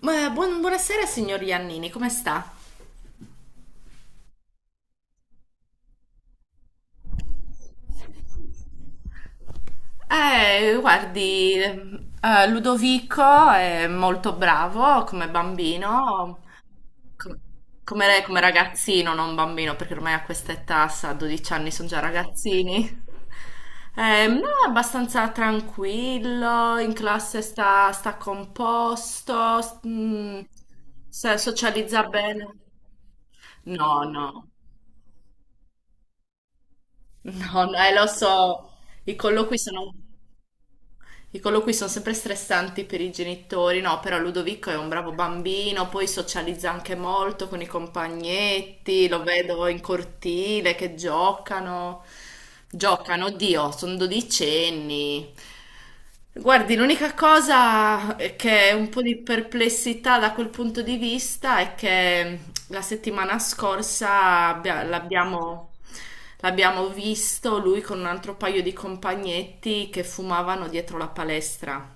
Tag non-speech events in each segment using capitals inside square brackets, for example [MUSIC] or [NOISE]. Buonasera signor Iannini, come sta? Guardi, Ludovico è molto bravo come bambino, com- come, come ragazzino, non bambino, perché ormai a questa età, sa, a 12 anni sono già ragazzini. No, è abbastanza tranquillo, in classe sta, sta composto, socializza bene. No, no. No, no, lo so, i colloqui sono, i colloqui sono sempre stressanti per i genitori, no, però Ludovico è un bravo bambino, poi socializza anche molto con i compagnetti, lo vedo in cortile che giocano, giocano, oddio, sono dodicenni. Guardi, l'unica cosa che è un po' di perplessità da quel punto di vista è che la settimana scorsa l'abbiamo visto lui con un altro paio di compagnetti che fumavano dietro la palestra,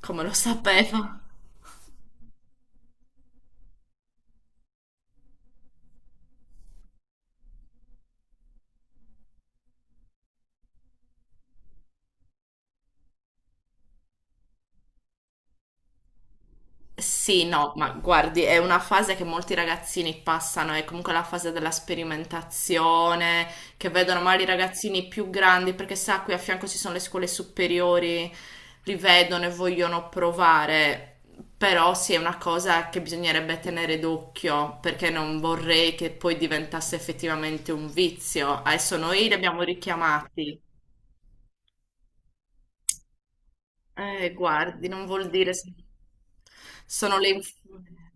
come lo sapeva. Sì, no, ma guardi, è una fase che molti ragazzini passano, è comunque la fase della sperimentazione, che vedono magari i ragazzini più grandi, perché sa, qui a fianco ci sono le scuole superiori, li vedono e vogliono provare, però sì, è una cosa che bisognerebbe tenere d'occhio, perché non vorrei che poi diventasse effettivamente un vizio. Adesso noi li abbiamo richiamati. Guardi, non vuol dire... sono le influenze.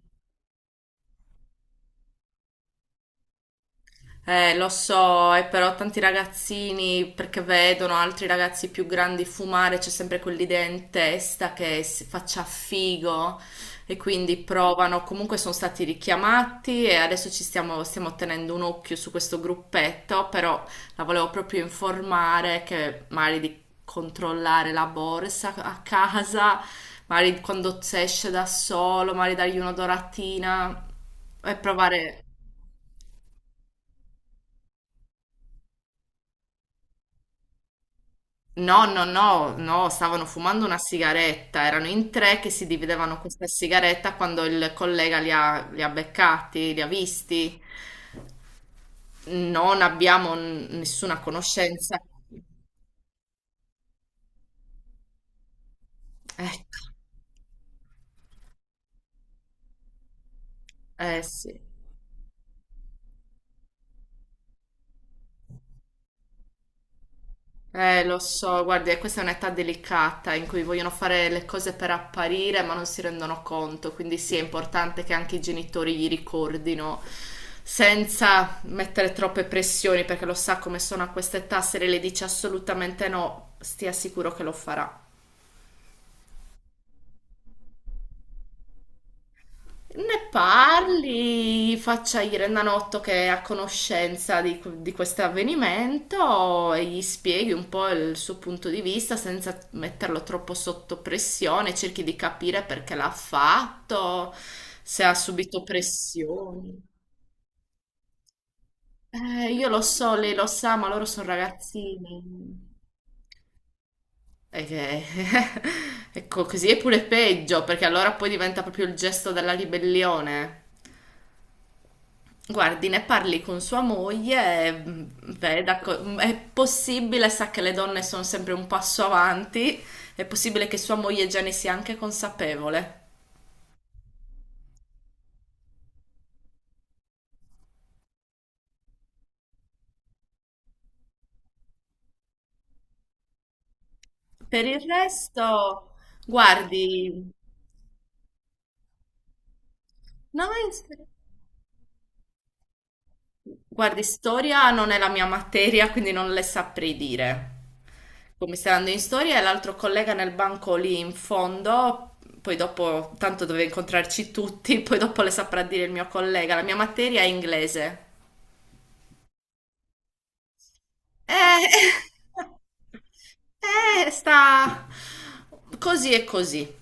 Lo so, e però tanti ragazzini, perché vedono altri ragazzi più grandi fumare, c'è sempre quell'idea in testa che si faccia figo e quindi provano. Comunque sono stati richiamati e adesso stiamo tenendo un occhio su questo gruppetto, però la volevo proprio informare che magari di controllare la borsa a casa, magari quando si esce da solo, magari dargli una doratina e provare. No, no, no, no, stavano fumando una sigaretta, erano in tre che si dividevano questa sigaretta quando il collega li ha beccati, li ha visti. Non abbiamo nessuna conoscenza. Ecco, eh sì. Lo so, guardi, questa è un'età delicata in cui vogliono fare le cose per apparire, ma non si rendono conto, quindi sì, è importante che anche i genitori gli ricordino senza mettere troppe pressioni, perché lo sa come sono a quest'età, se lei le dice assolutamente no, stia sicuro che lo farà. Ne parli, faccia il Renanotto che è a conoscenza di questo avvenimento e gli spieghi un po' il suo punto di vista senza metterlo troppo sotto pressione, cerchi di capire perché l'ha fatto, se ha subito pressioni. Io lo so, lei lo sa, ma loro sono ragazzini. E che- [LAUGHS] Ecco, così è pure peggio, perché allora poi diventa proprio il gesto della ribellione. Guardi, ne parli con sua moglie, e, veda, è possibile, sa che le donne sono sempre un passo avanti, è possibile che sua moglie già ne sia anche consapevole. Per il resto, guardi, no, è- guardi, storia non è la mia materia, quindi non le saprei dire. Come stai andando in storia e l'altro collega nel banco lì in fondo, poi dopo, tanto dove incontrarci tutti, [LAUGHS] poi dopo le saprà dire il mio collega, la mia materia è inglese. Eh, [LAUGHS] sta così e così.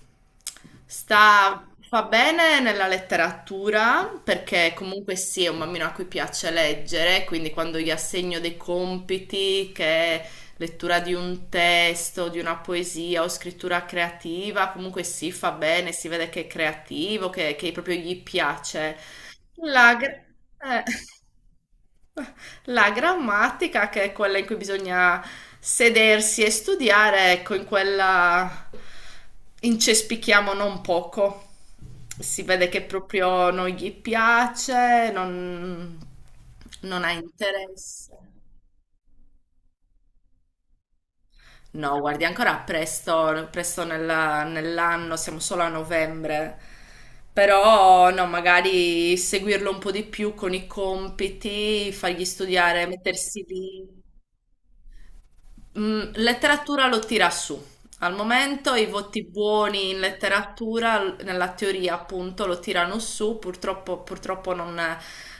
Sta, fa bene nella letteratura perché comunque sì, è un bambino a cui piace leggere, quindi quando gli assegno dei compiti, che è lettura di un testo, di una poesia o scrittura creativa, comunque sì, fa bene, si vede che è creativo, che proprio gli piace. La... gra- eh. La grammatica, che è quella in cui bisogna sedersi e studiare, ecco, in quella incespichiamo non poco. Si vede che proprio non gli piace, non ha interesse. No, guardi, ancora presto, nell'anno, siamo solo a novembre. Però no, magari seguirlo un po' di più con i compiti, fargli studiare, mettersi lì. Mm, letteratura lo tira su. Al momento i voti buoni in letteratura, nella teoria appunto, lo tirano su. Purtroppo, purtroppo non,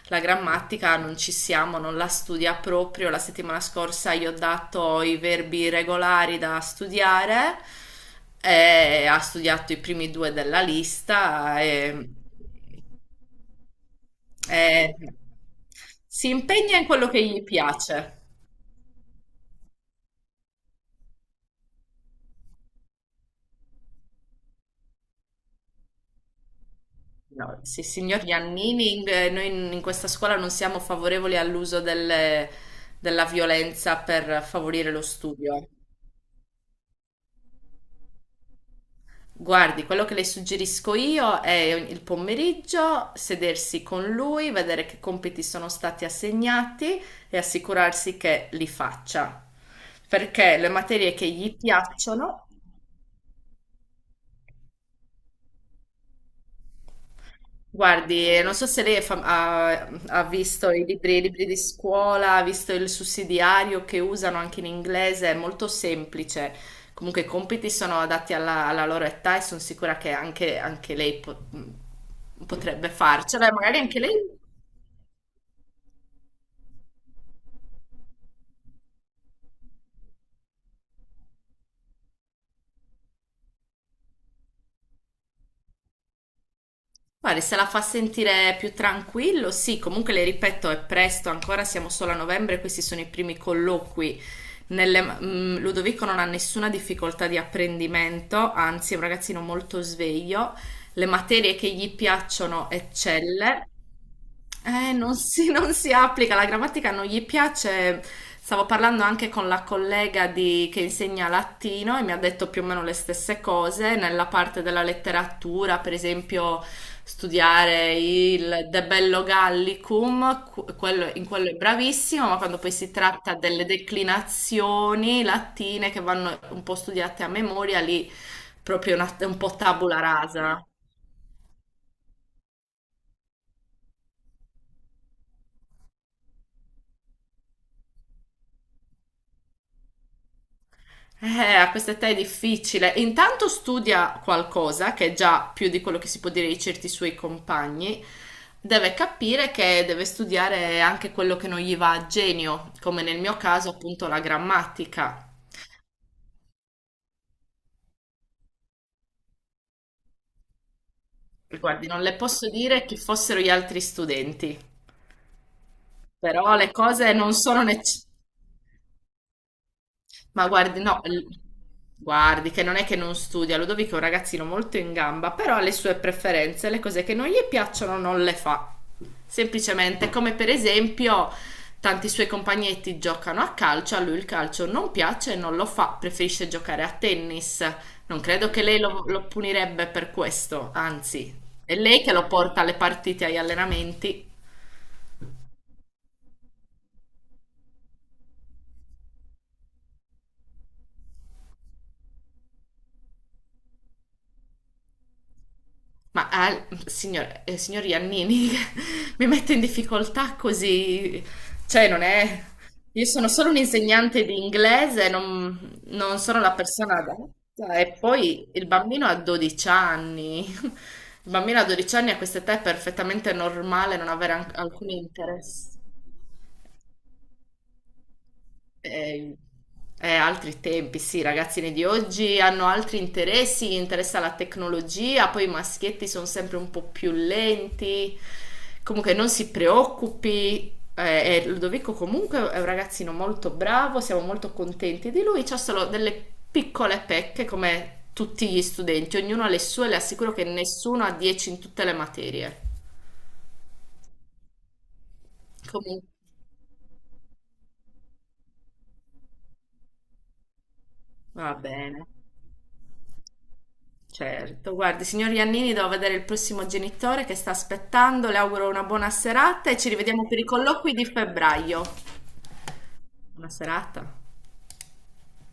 la grammatica non ci siamo, non la studia proprio. La settimana scorsa gli ho dato i verbi regolari da studiare e ha studiato i primi due della lista e si impegna in quello che gli piace. No, sì, signor Giannini, noi in questa scuola non siamo favorevoli della violenza per favorire lo studio. Guardi, quello che le suggerisco io è il pomeriggio sedersi con lui, vedere che compiti sono stati assegnati e assicurarsi che li faccia. Perché le materie che gli piacciono... Guardi, non so se lei è ha visto i libri di scuola, ha visto il sussidiario che usano anche in inglese, è molto semplice. Comunque i compiti sono adatti alla loro età e sono sicura che anche lei potrebbe farcela, e magari anche lei. Guarda, se la fa sentire più tranquillo, sì, comunque le ripeto, è presto, ancora siamo solo a novembre, questi sono i primi colloqui. Ludovico non ha nessuna difficoltà di apprendimento, anzi è un ragazzino molto sveglio, le materie che gli piacciono eccelle. Non si, [LAUGHS] non si applica, la grammatica non gli piace. Stavo parlando anche con la collega che insegna latino e mi ha detto più o meno le stesse cose nella parte della letteratura, per esempio studiare il De Bello Gallicum, in quello è bravissimo, ma quando poi si tratta delle declinazioni latine che vanno un po' studiate a memoria, lì è un po' tabula rasa. Eh, a questa età è difficile. Intanto studia qualcosa, che è già più di quello che si può dire di certi suoi compagni. Deve capire che deve studiare anche quello che non gli va a genio, come nel mio caso appunto la grammatica. Guardi, non le posso dire chi fossero gli altri studenti, però le cose non sono necessarie. Ma guardi, guardi che non è che non studia, Ludovico è un ragazzino molto in gamba, però ha le sue preferenze, le cose che non gli piacciono non le fa. Semplicemente, come per esempio, tanti suoi compagnetti giocano a calcio, a lui il calcio non piace e non lo fa, preferisce giocare a tennis. Non credo che lei lo punirebbe per questo, anzi, è lei che lo porta alle partite, agli allenamenti. Signor, signor Iannini [LAUGHS] mi mette in difficoltà così, cioè non è... Io sono solo un insegnante di inglese, non sono la persona adatta. E poi il bambino ha 12 anni. [LAUGHS] Il bambino a 12 anni a questa età è perfettamente normale non avere alcun interesse. Eh, eh, altri tempi, sì, i ragazzini di oggi hanno altri interessi, gli interessa la tecnologia, poi i maschietti sono sempre un po' più lenti. Comunque non si preoccupi, e Ludovico comunque è un ragazzino molto bravo, siamo molto contenti di lui, c'ha solo delle piccole pecche come tutti gli studenti, ognuno ha le sue, le assicuro che nessuno ha 10 in tutte le materie. Comunque, va bene. Certo, guardi, signor Iannini, devo vedere il prossimo genitore che sta aspettando. Le auguro una buona serata e ci rivediamo per i colloqui di febbraio. Buona serata.